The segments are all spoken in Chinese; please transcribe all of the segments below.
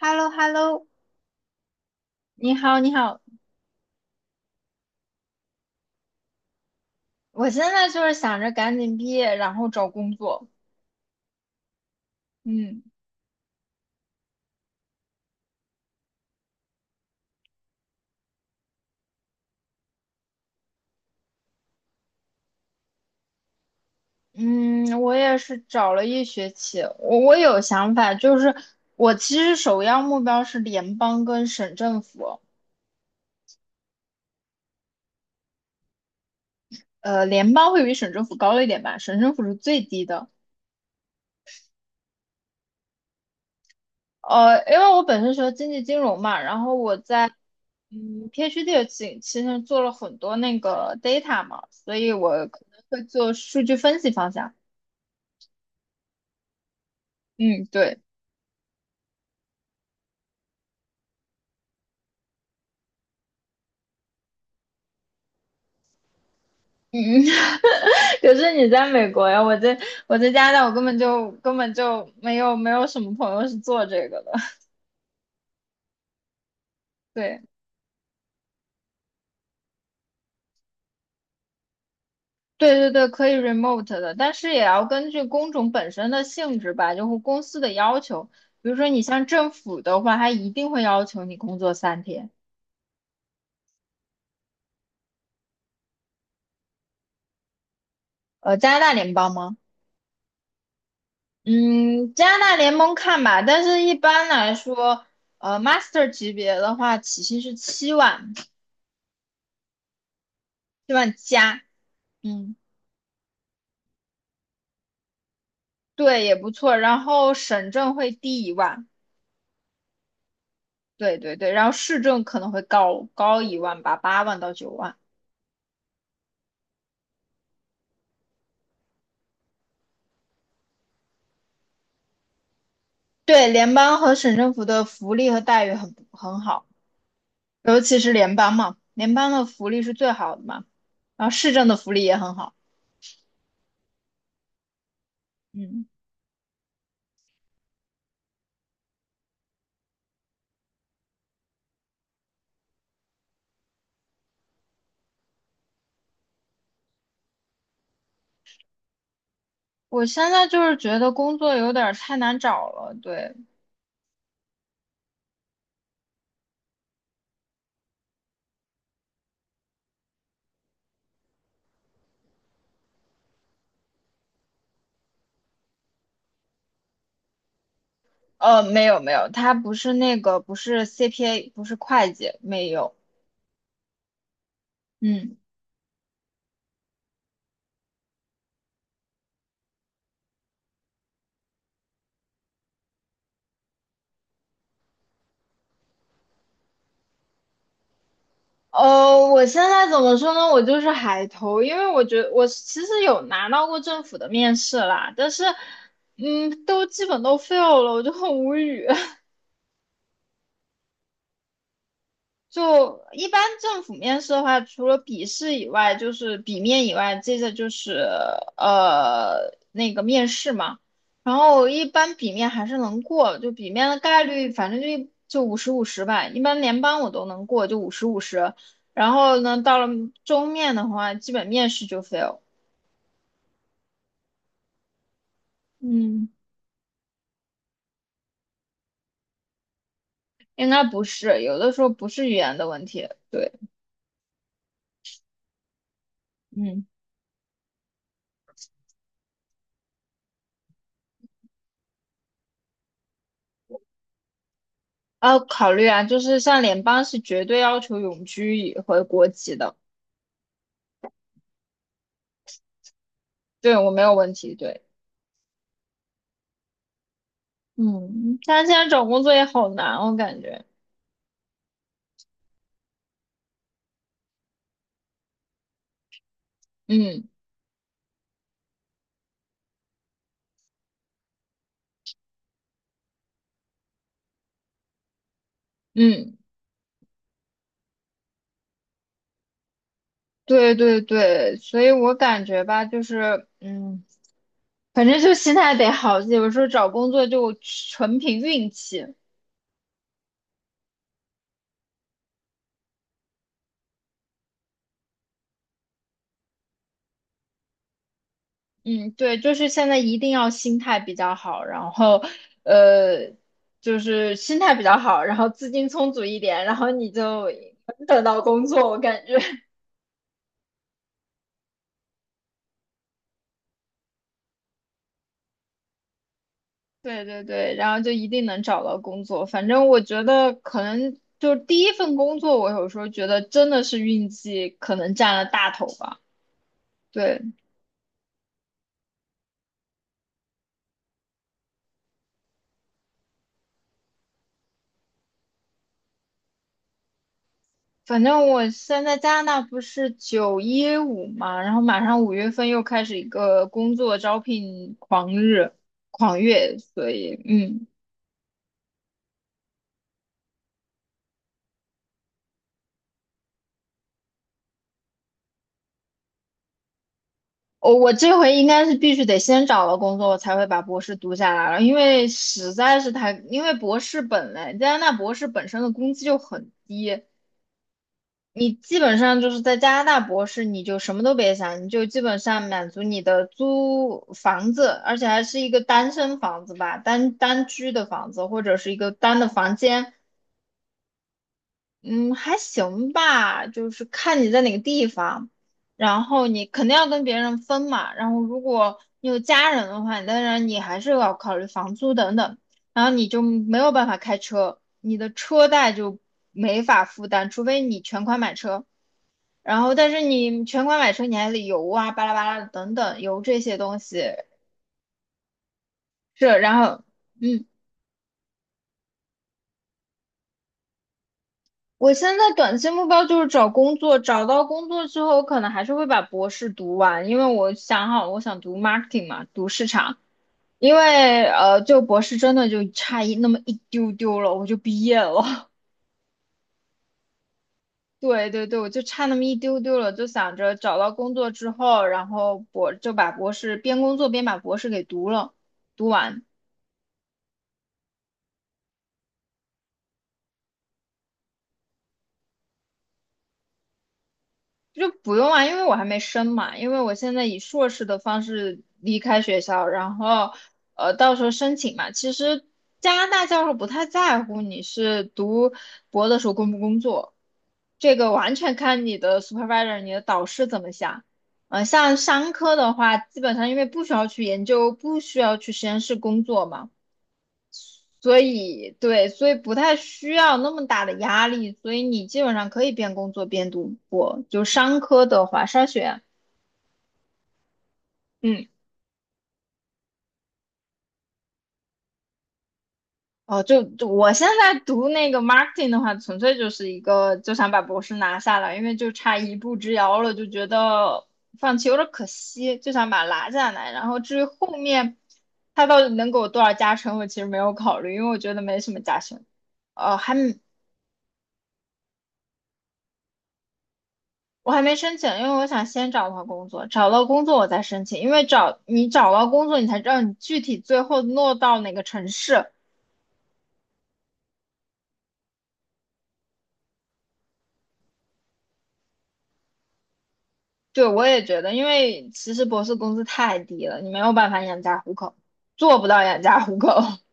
h e l l o h e l l o 你好，你好，我现在就是想着赶紧毕业，然后找工作。嗯嗯，我也是找了一学期，我有想法，就是我其实首要目标是联邦跟省政府，联邦会比省政府高一点吧，省政府是最低的。因为我本身学经济金融嘛，然后我在PhD 的期间做了很多那个 data 嘛，所以我可能会做数据分析方向。嗯，对。嗯，可是你在美国呀，我在加拿大，我根本就没有什么朋友是做这个的。对对对对，可以 remote 的，但是也要根据工种本身的性质吧，就是公司的要求。比如说你像政府的话，它一定会要求你工作3天。加拿大联邦吗？嗯，加拿大联盟看吧，但是一般来说，master 级别的话，起薪是7万，七万加。嗯。对，也不错。然后省政会低一万，对对对，然后市政可能会高一万吧，8万到9万。对，联邦和省政府的福利和待遇很好，尤其是联邦嘛，联邦的福利是最好的嘛，然后市政的福利也很好。嗯，我现在就是觉得工作有点儿太难找了。对，没有没有，他不是那个，不是 CPA,不是会计，没有。嗯。我现在怎么说呢？我就是海投，因为我觉得我其实有拿到过政府的面试啦，但是，都基本都 fail 了，我就很无语。就一般政府面试的话，除了笔试以外，就是笔面以外，接着就是那个面试嘛。然后一般笔面还是能过，就笔面的概率反正就五十五十吧。一般联邦我都能过，就五十五十。然后呢，到了中面的话，基本面试就 fail。嗯，应该不是，有的时候不是语言的问题，对，嗯，要考虑啊，就是像联邦是绝对要求永居回国籍的。对我没有问题，对，嗯，但是现在找工作也好难，我感觉，嗯嗯，对对对，所以我感觉吧，就是反正就心态得好，有时候找工作就纯凭运气。嗯，对，就是现在一定要心态比较好，然后呃，就是心态比较好，然后资金充足一点，然后你就能等到工作，我感觉。对对对，然后就一定能找到工作。反正我觉得可能就是第一份工作，我有时候觉得真的是运气可能占了大头吧。对，反正我现在加拿大不是9-1-5嘛，然后马上5月份又开始一个工作招聘狂日狂月，所以我这回应该是必须得先找到工作，我才会把博士读下来了，因为实在是太，因为博士本来加拿大博士本身的工资就很低。你基本上就是在加拿大博士，你就什么都别想，你就基本上满足你的租房子，而且还是一个单身房子吧，单居的房子，或者是一个单的房间，嗯，还行吧，就是看你在哪个地方，然后你肯定要跟别人分嘛，然后如果你有家人的话，当然你还是要考虑房租等等，然后你就没有办法开车，你的车贷就没法负担，除非你全款买车。然后但是你全款买车你还得油啊，巴拉巴拉的等等，油这些东西是，然后嗯，我现在短期目标就是找工作，找到工作之后，我可能还是会把博士读完，因为我想好我想读 marketing 嘛，读市场。因为就博士真的就差一那么一丢丢了，我就毕业了。对对对，我就差那么一丢丢了，就想着找到工作之后，然后就把博士边工作边把博士给读了，读完。就不用啊，因为我还没升嘛，因为我现在以硕士的方式离开学校，然后到时候申请嘛。其实加拿大教授不太在乎你是读博的时候工不工作，这个完全看你的 supervisor,你的导师怎么想。像商科的话，基本上因为不需要去研究，不需要去实验室工作嘛，所以对，所以不太需要那么大的压力，所以你基本上可以边工作边读博。就商科的话，商学院。嗯，哦，就我现在读那个 marketing 的话，纯粹就是一个就想把博士拿下来，因为就差一步之遥了，就觉得放弃有点可惜，就想把它拿下来。然后至于后面他到底能给我多少加成，我其实没有考虑，因为我觉得没什么加成。呃，还没我还没申请，因为我想先找到工作，找到工作我再申请，因为你找到工作，你才知道你具体最后落到哪个城市。对，我也觉得，因为其实博士工资太低了，你没有办法养家糊口，做不到养家糊口。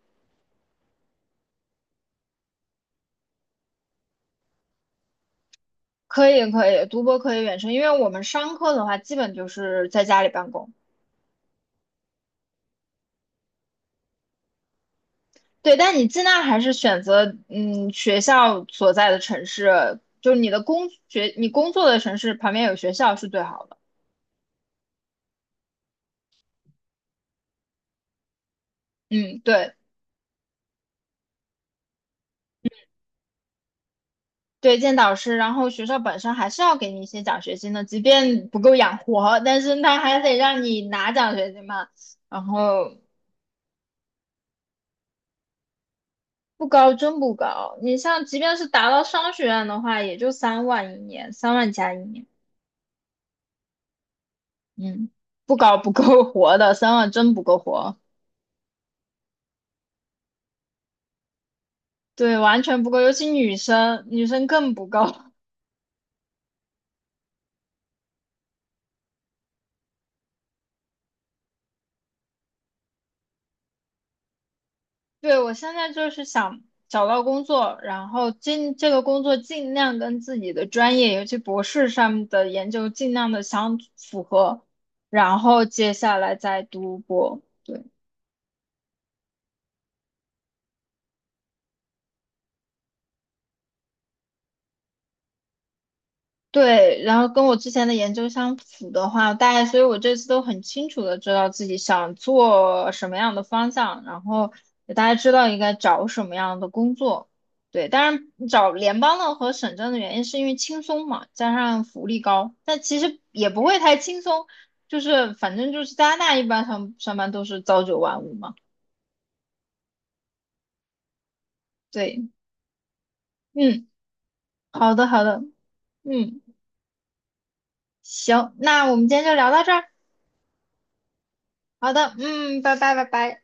可以，可以，读博可以远程，因为我们商科的话，基本就是在家里办公。对，但你尽量还是选择，学校所在的城市，就是你工作的城市旁边有学校是最好的。嗯，对，对，见导师，然后学校本身还是要给你一些奖学金的，即便不够养活，但是他还得让你拿奖学金嘛。然后不高，真不高。你像，即便是达到商学院的话，也就三万一年，三万加一年。嗯，不高不够活的，三万真不够活。对，完全不够，尤其女生，女生更不够。对，我现在就是想找到工作，然后尽这个工作尽量跟自己的专业，尤其博士上面的研究尽量的相符合，然后接下来再读博。对。对，然后跟我之前的研究相符的话，大家，所以我这次都很清楚的知道自己想做什么样的方向，然后也大家知道应该找什么样的工作。对，当然找联邦的和省政的原因是因为轻松嘛，加上福利高，但其实也不会太轻松，就是反正就是加拿大一般上班都是朝九晚五嘛。对，嗯，好的好的，嗯，行，那我们今天就聊到这儿。好的，嗯，拜拜拜拜。